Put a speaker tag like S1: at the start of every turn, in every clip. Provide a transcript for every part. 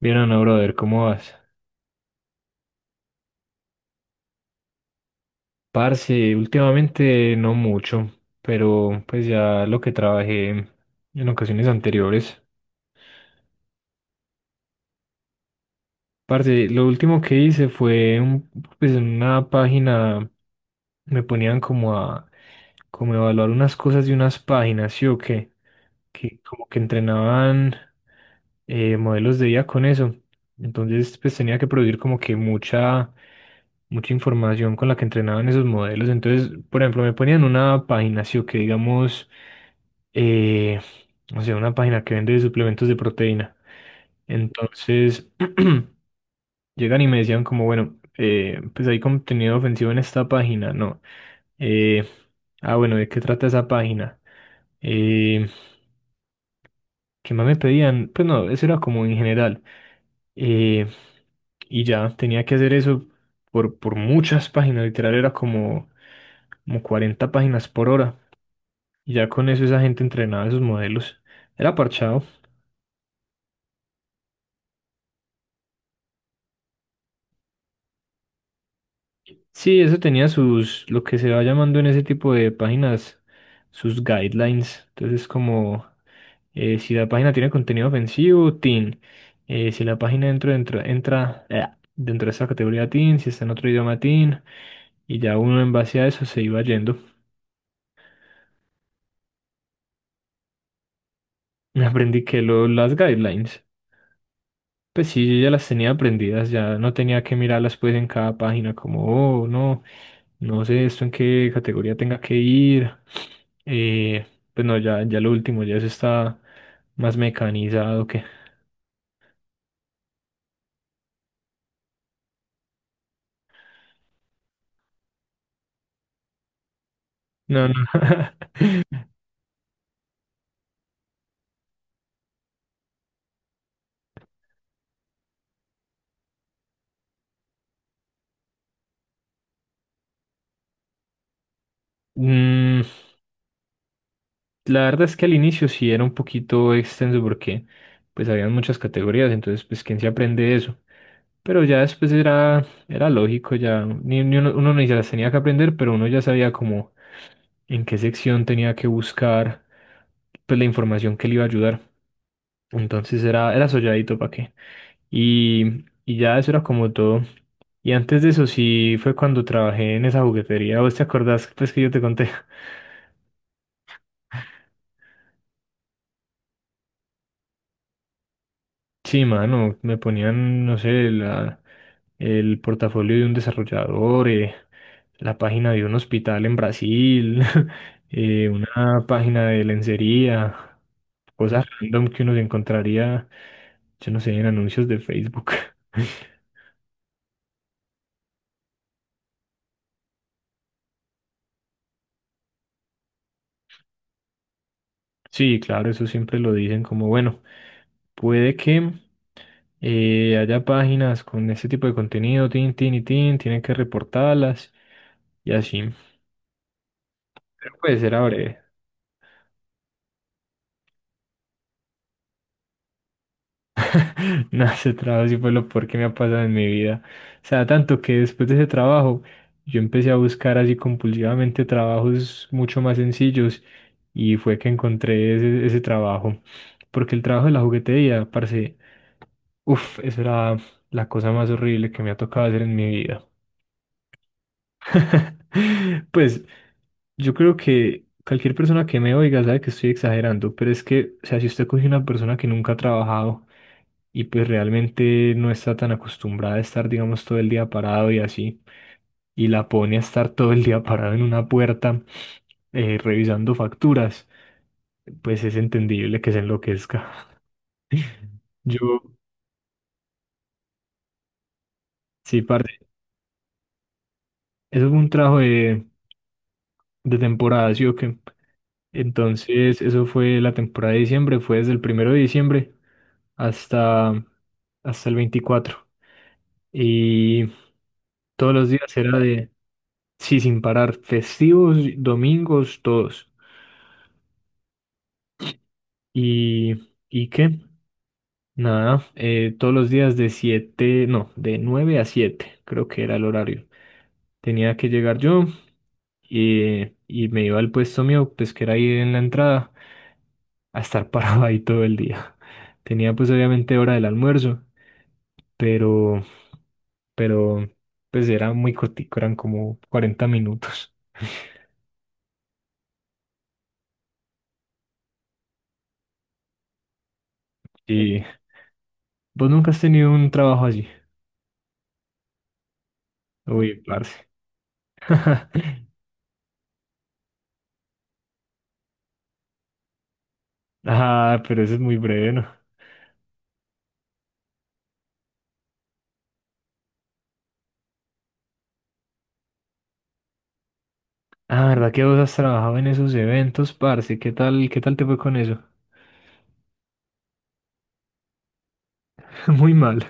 S1: Bien, Ana, brother, ¿cómo vas? Parce, últimamente no mucho, pero pues ya lo que trabajé en ocasiones anteriores. Parce, lo último que hice fue pues en una página me ponían como a evaluar unas cosas de unas páginas, ¿sí o qué? Que como que entrenaban modelos de IA con eso. Entonces, pues tenía que producir como que mucha información con la que entrenaban esos modelos. Entonces, por ejemplo, me ponían una página, sí, o que digamos, eh, o sea, una página que vende suplementos de proteína. Entonces, llegan y me decían como, bueno, pues hay contenido ofensivo en esta página, no. Eh, ah, bueno, ¿de qué trata esa página? Eh, ¿Qué más me pedían? Pues no, eso era como en general. Eh, y ya tenía que hacer eso por muchas páginas, literal era como, como 40 páginas por hora. Y ya con eso esa gente entrenaba esos modelos. Era parchado. Sí, eso tenía sus, lo que se va llamando en ese tipo de páginas, sus guidelines. Entonces, como si la página tiene contenido ofensivo, teen. Si la página entra dentro de esa categoría teen, si está en otro idioma teen. Y ya uno en base a eso se iba yendo. Me aprendí que lo, las guidelines. Pues sí, yo ya las tenía aprendidas, ya no tenía que mirarlas pues en cada página como, oh, no. No sé esto en qué categoría tenga que ir. Eh, pues no, ya lo último, ya se está más mecanizado que... No, no. Mm, la verdad es que al inicio sí era un poquito extenso porque pues habían muchas categorías, entonces pues quién se aprende eso. Pero ya después era, era lógico, ya ni, ni uno, uno ni se las tenía que aprender, pero uno ya sabía como en qué sección tenía que buscar pues la información que le iba a ayudar. Entonces era, era solladito para qué. Y ya eso era como todo. Y antes de eso sí fue cuando trabajé en esa juguetería. ¿Vos te acordás pues que yo te conté? Sí, mano, me ponían, no sé, la, el portafolio de un desarrollador, la página de un hospital en Brasil, una página de lencería, cosas random que uno se encontraría, yo no sé, en anuncios de Facebook. Sí, claro, eso siempre lo dicen como, bueno, puede que y haya páginas con ese tipo de contenido, tin, tin y tin, tienen que reportarlas y así. Pero pues era breve. No, ese trabajo sí fue lo peor que me ha pasado en mi vida. O sea, tanto que después de ese trabajo yo empecé a buscar así compulsivamente trabajos mucho más sencillos y fue que encontré ese, ese trabajo. Porque el trabajo de la juguetería, parce, uff, eso era la cosa más horrible que me ha tocado hacer en mi vida. Pues yo creo que cualquier persona que me oiga sabe que estoy exagerando, pero es que, o sea, si usted coge una persona que nunca ha trabajado y pues realmente no está tan acostumbrada a estar, digamos, todo el día parado y así, y la pone a estar todo el día parado en una puerta revisando facturas, pues es entendible que se enloquezca. Yo, sí, parte, eso fue un trabajo de temporada, ¿sí o qué? Entonces, eso fue la temporada de diciembre, fue desde el primero de diciembre hasta, hasta el 24. Y todos los días era de, sí, sin parar, festivos, domingos, todos. Y qué? Nada, todos los días de 7 no, de 9 a 7 creo que era el horario. Tenía que llegar yo y me iba al puesto mío, pues que era ahí en la entrada, a estar parado ahí todo el día. Tenía pues obviamente hora del almuerzo, pero, pero pues era muy cortico, eran como 40 minutos. ¿Y vos nunca has tenido un trabajo así? Uy, parce. Ah, pero eso es muy breve, ¿no? Ah, ¿verdad que vos has trabajado en esos eventos, parce? Qué tal te fue con eso? Muy mal.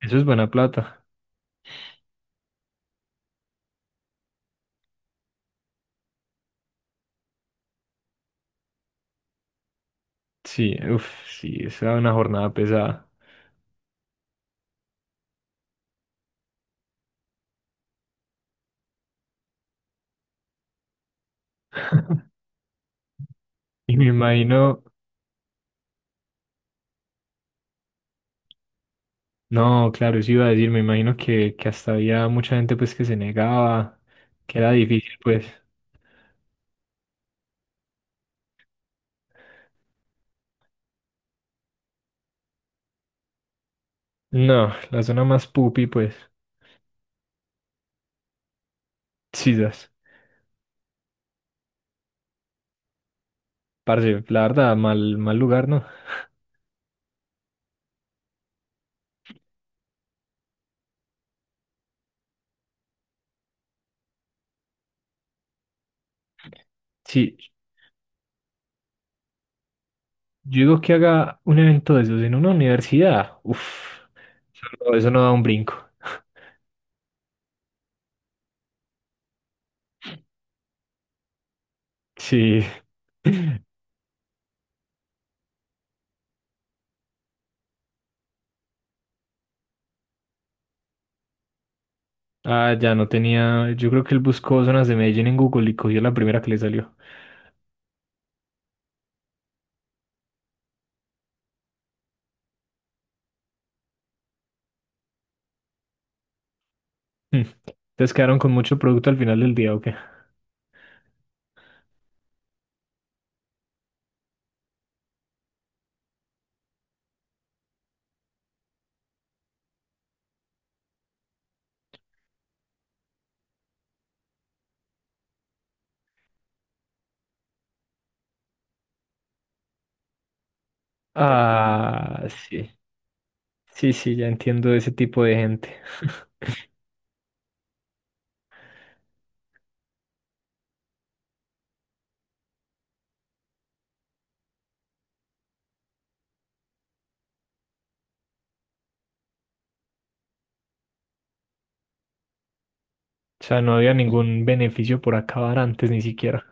S1: Eso es buena plata. Sí, uff, sí, esa es una jornada pesada. Y me imagino, no, claro, eso iba a decir, me imagino que hasta había mucha gente pues que se negaba, que era difícil, pues. No, la zona más pupi, pues. Chidas. Parce, la verdad, mal, mal lugar, ¿no? Sí, yo digo que haga un evento de esos en una universidad. Uf, eso no da un brinco. Sí. Ah, ya no tenía. Yo creo que él buscó zonas de Medellín en Google y cogió la primera que le salió. Hmm. Entonces quedaron con mucho producto al final del día, ¿o qué? Ah, sí. Sí, sí, ya entiendo ese tipo de gente. O sea, no había ningún beneficio por acabar antes ni siquiera.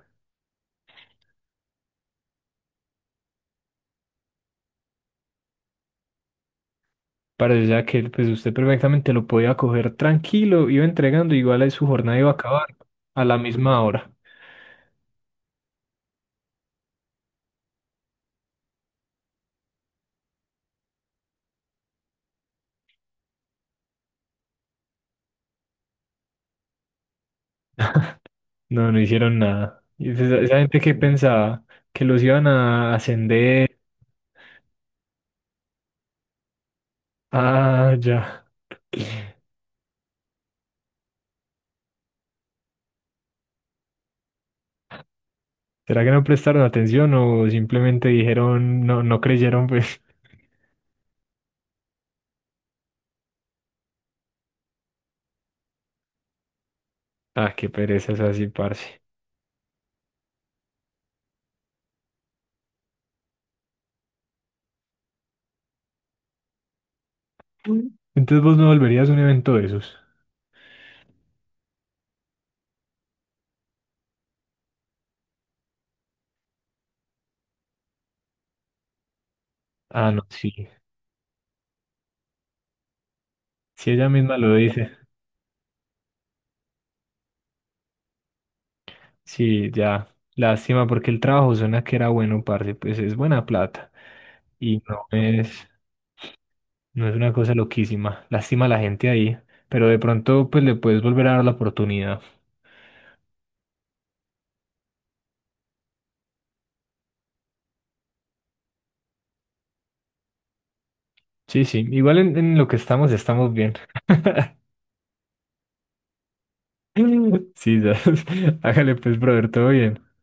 S1: Parecía que pues usted perfectamente lo podía coger tranquilo, iba entregando, igual ahí su jornada iba a acabar a la misma hora. No, no hicieron nada. Y esa gente que pensaba que los iban a ascender. Ah, ya. ¿Será que no prestaron atención o simplemente dijeron, no, no creyeron, pues? Ah, qué pereza es así, parce. Mm. Entonces vos no volverías a un evento de esos. Ah, no, sí. Si ella misma lo dice. Sí, ya. Lástima porque el trabajo suena que era bueno, parce, pues es buena plata. Y no es. No es una cosa loquísima. Lástima a la gente ahí. Pero de pronto, pues le puedes volver a dar la oportunidad. Sí, sí. Igual en lo que estamos, estamos bien. Sí, ya. Hágale pues, brother, todo bien.